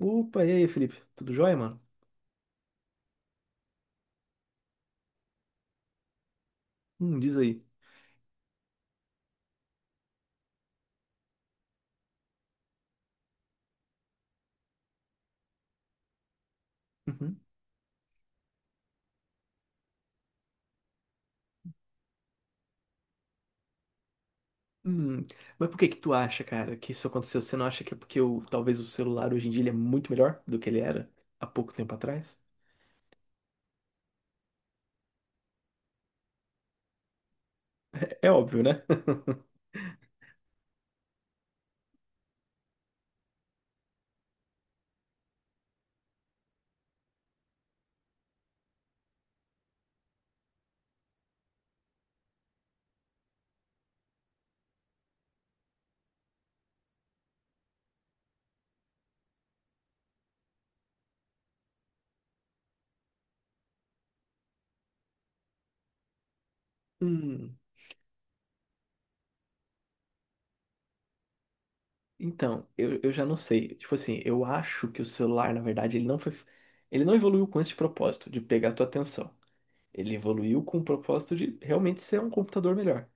Opa, e aí, Felipe? Tudo jóia, mano? Diz aí. Uhum. Hum, mas por que que tu acha, cara, que isso aconteceu? Você não acha que é porque o, talvez o celular hoje em dia ele é muito melhor do que ele era há pouco tempo atrás? É, é óbvio, né? Hum, então, eu já não sei. Tipo assim, eu acho que o celular, na verdade, ele não foi, ele não evoluiu com esse propósito de pegar a tua atenção. Ele evoluiu com o propósito de realmente ser um computador melhor.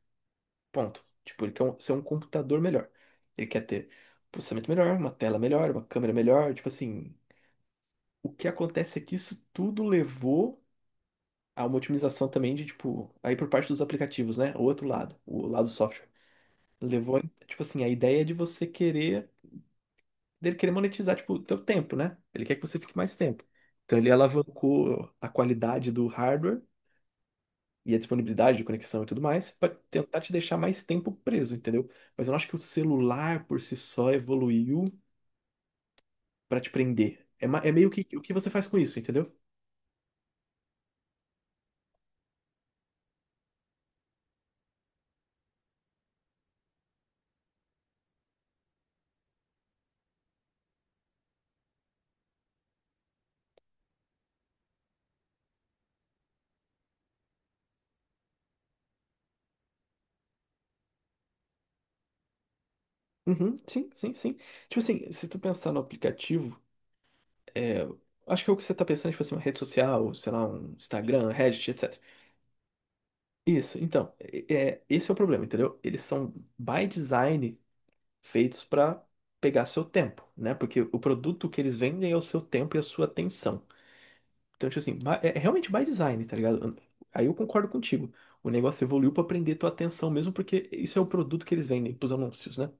Ponto. Tipo, ser um computador melhor. Ele quer ter processamento melhor, uma tela melhor, uma câmera melhor. Tipo assim, o que acontece é que isso tudo levou a uma otimização também de, tipo, aí por parte dos aplicativos, né? O outro lado, o lado do software. Levou, tipo assim, a ideia de você querer, dele querer monetizar, tipo, o teu tempo, né? Ele quer que você fique mais tempo. Então ele alavancou a qualidade do hardware e a disponibilidade de conexão e tudo mais, para tentar te deixar mais tempo preso, entendeu? Mas eu não acho que o celular por si só evoluiu para te prender. É, é meio que o que você faz com isso, entendeu? Uhum, sim, sim, sim. Tipo assim, se tu pensar no aplicativo, é, acho que é o que você tá pensando, tipo assim, uma rede social, sei lá, um Instagram, Reddit, etc. Isso, então, esse é o problema, entendeu? Eles são, by design, feitos para pegar seu tempo, né? Porque o produto que eles vendem é o seu tempo e a sua atenção. Então, tipo assim, é realmente by design, tá ligado? Aí eu concordo contigo. O negócio evoluiu para prender tua atenção mesmo, porque isso é o produto que eles vendem pros anúncios, né?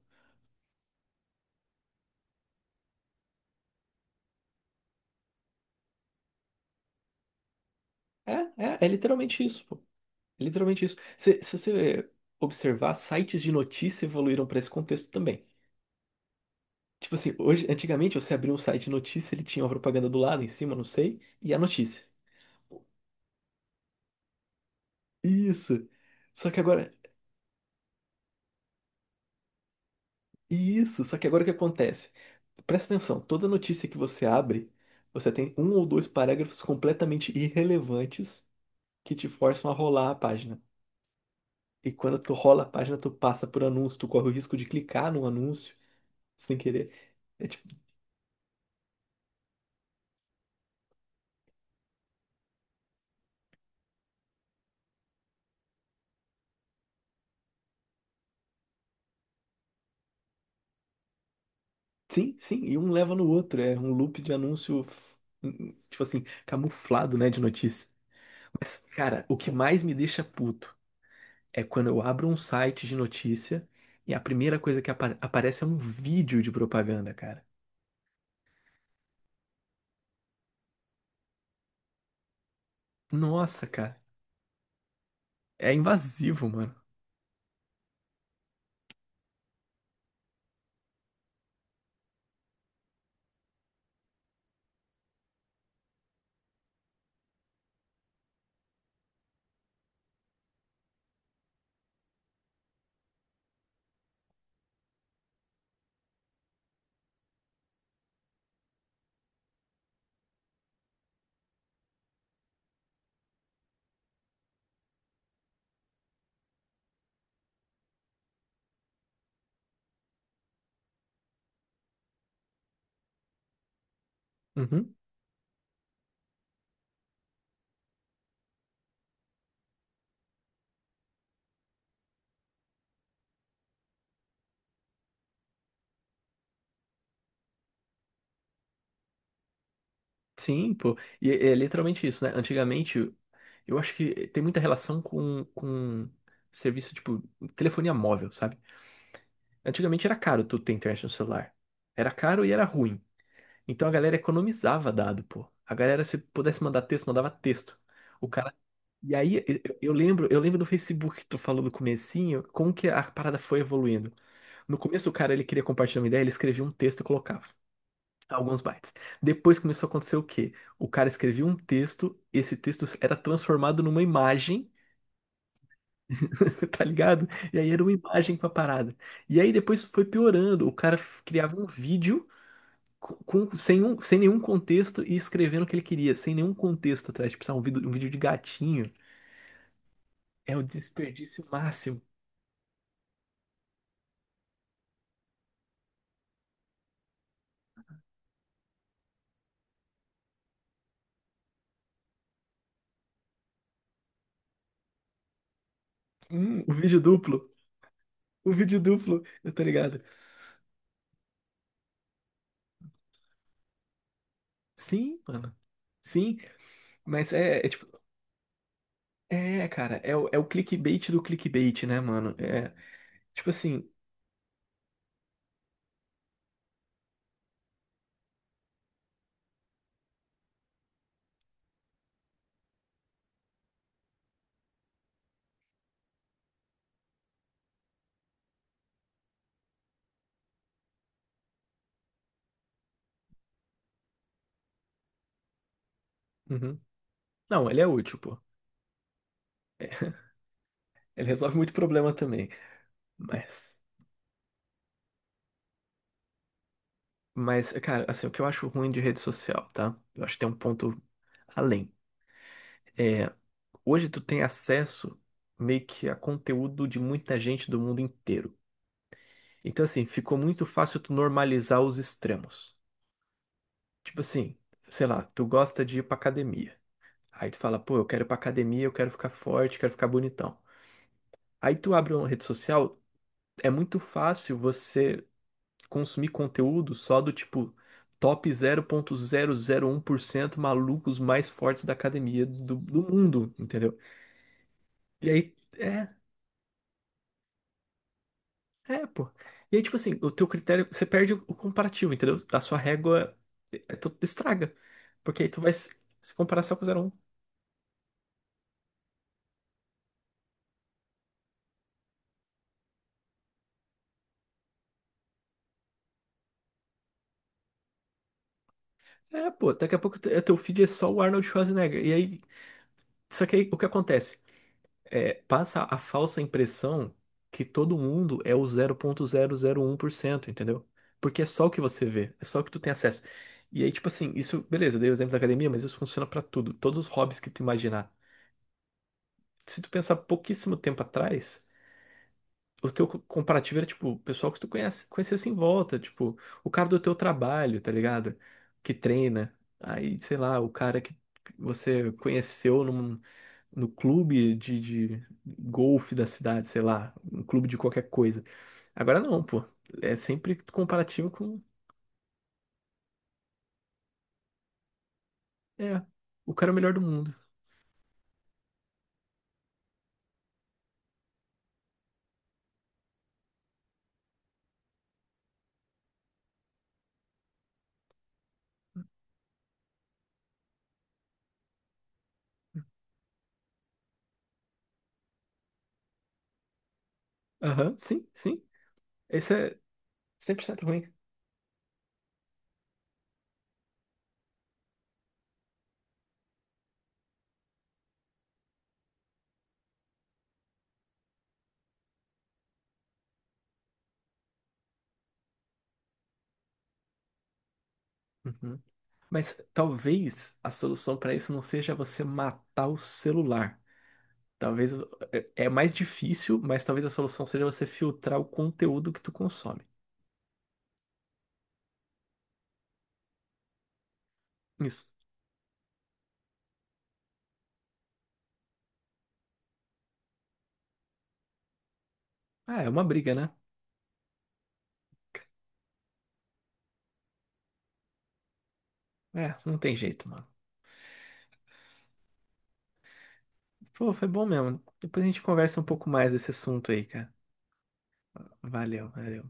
É, é literalmente isso, pô. É literalmente isso. Se você observar, sites de notícia evoluíram para esse contexto também. Tipo assim, hoje, antigamente você abria um site de notícia, ele tinha uma propaganda do lado, em cima, não sei, e a notícia. Isso. Só que agora, isso, só que agora o que acontece? Presta atenção, toda notícia que você abre, você tem um ou dois parágrafos completamente irrelevantes que te forçam a rolar a página. E quando tu rola a página, tu passa por anúncio, tu corre o risco de clicar num anúncio sem querer. É tipo, sim, sim, e um leva no outro. É um loop de anúncio, tipo assim, camuflado, né, de notícia. Mas, cara, o que mais me deixa puto é quando eu abro um site de notícia e a primeira coisa que aparece é um vídeo de propaganda, cara. Nossa, cara, é invasivo, mano. Uhum. Sim, pô. E é, é literalmente isso, né? Antigamente, eu acho que tem muita relação com serviço, tipo, telefonia móvel, sabe? Antigamente era caro tu ter internet no celular. Era caro e era ruim. Então a galera economizava dado, pô. A galera, se pudesse mandar texto, mandava texto. O cara. E aí, eu lembro, eu lembro do Facebook que tu falou do comecinho, como que a parada foi evoluindo. No começo, o cara, ele queria compartilhar uma ideia, ele escrevia um texto e colocava alguns bytes. Depois começou a acontecer o quê? O cara escrevia um texto, esse texto era transformado numa imagem, tá ligado? E aí era uma imagem com a parada. E aí depois foi piorando, o criava um vídeo com- sem, sem nenhum contexto e escrevendo o que ele queria, sem nenhum contexto atrás. Tipo, sabe, um vídeo de gatinho é o desperdício máximo. Hum, o vídeo duplo, o vídeo duplo, eu tô ligado. Sim, mano. Sim, mas é, é tipo, é, cara, é, é o clickbait do clickbait, né, mano? É, tipo assim, uhum. Não, ele é útil, pô. É, ele resolve muito problema também. Mas, mas, cara, assim, o que eu acho ruim de rede social, tá? Eu acho que tem um ponto além. É, hoje tu tem acesso meio que a conteúdo de muita gente do mundo inteiro. Então, assim, ficou muito fácil tu normalizar os extremos. Tipo assim, sei lá, tu gosta de ir pra academia. Aí tu fala, pô, eu quero ir pra academia, eu quero ficar forte, quero ficar bonitão. Aí tu abre uma rede social, é muito fácil você consumir conteúdo só do tipo top 0,001% malucos mais fortes da academia do mundo, entendeu? E aí. É É, pô. E aí, tipo assim, o teu critério, você perde o comparativo, entendeu? A sua régua tu estraga. Porque aí tu vai se comparar só com o zero um. É, pô, daqui a pouco teu feed é só o Arnold Schwarzenegger. E aí, só que aí o que acontece? É, passa a falsa impressão que todo mundo é o 0,001%, entendeu? Porque é só o que você vê, é só o que tu tem acesso. E aí, tipo assim, isso, beleza, eu dei o exemplo da academia, mas isso funciona pra tudo, todos os hobbies que tu imaginar. Se tu pensar pouquíssimo tempo atrás. O comparativo era, tipo, o pessoal que tu conhece, conhecesse em volta, tipo, o cara do teu trabalho, tá ligado? Que treina. Aí, sei lá, o cara que você no clube de golfe da cidade, sei lá, um clube de qualquer coisa. Agora não, pô. É sempre comparativo com, é, o cara melhor do mundo. Aham, sim, sim. Esse é 100% ruim. Uhum. Mas talvez a solução para isso não seja você matar o celular. Talvez é mais difícil, mas talvez a solução seja você filtrar o conteúdo que tu consome. Isso. Ah, é uma briga, né? É, não tem jeito, mano. Pô, foi bom mesmo. Depois a gente conversa um pouco mais desse assunto aí, cara. Valeu, valeu.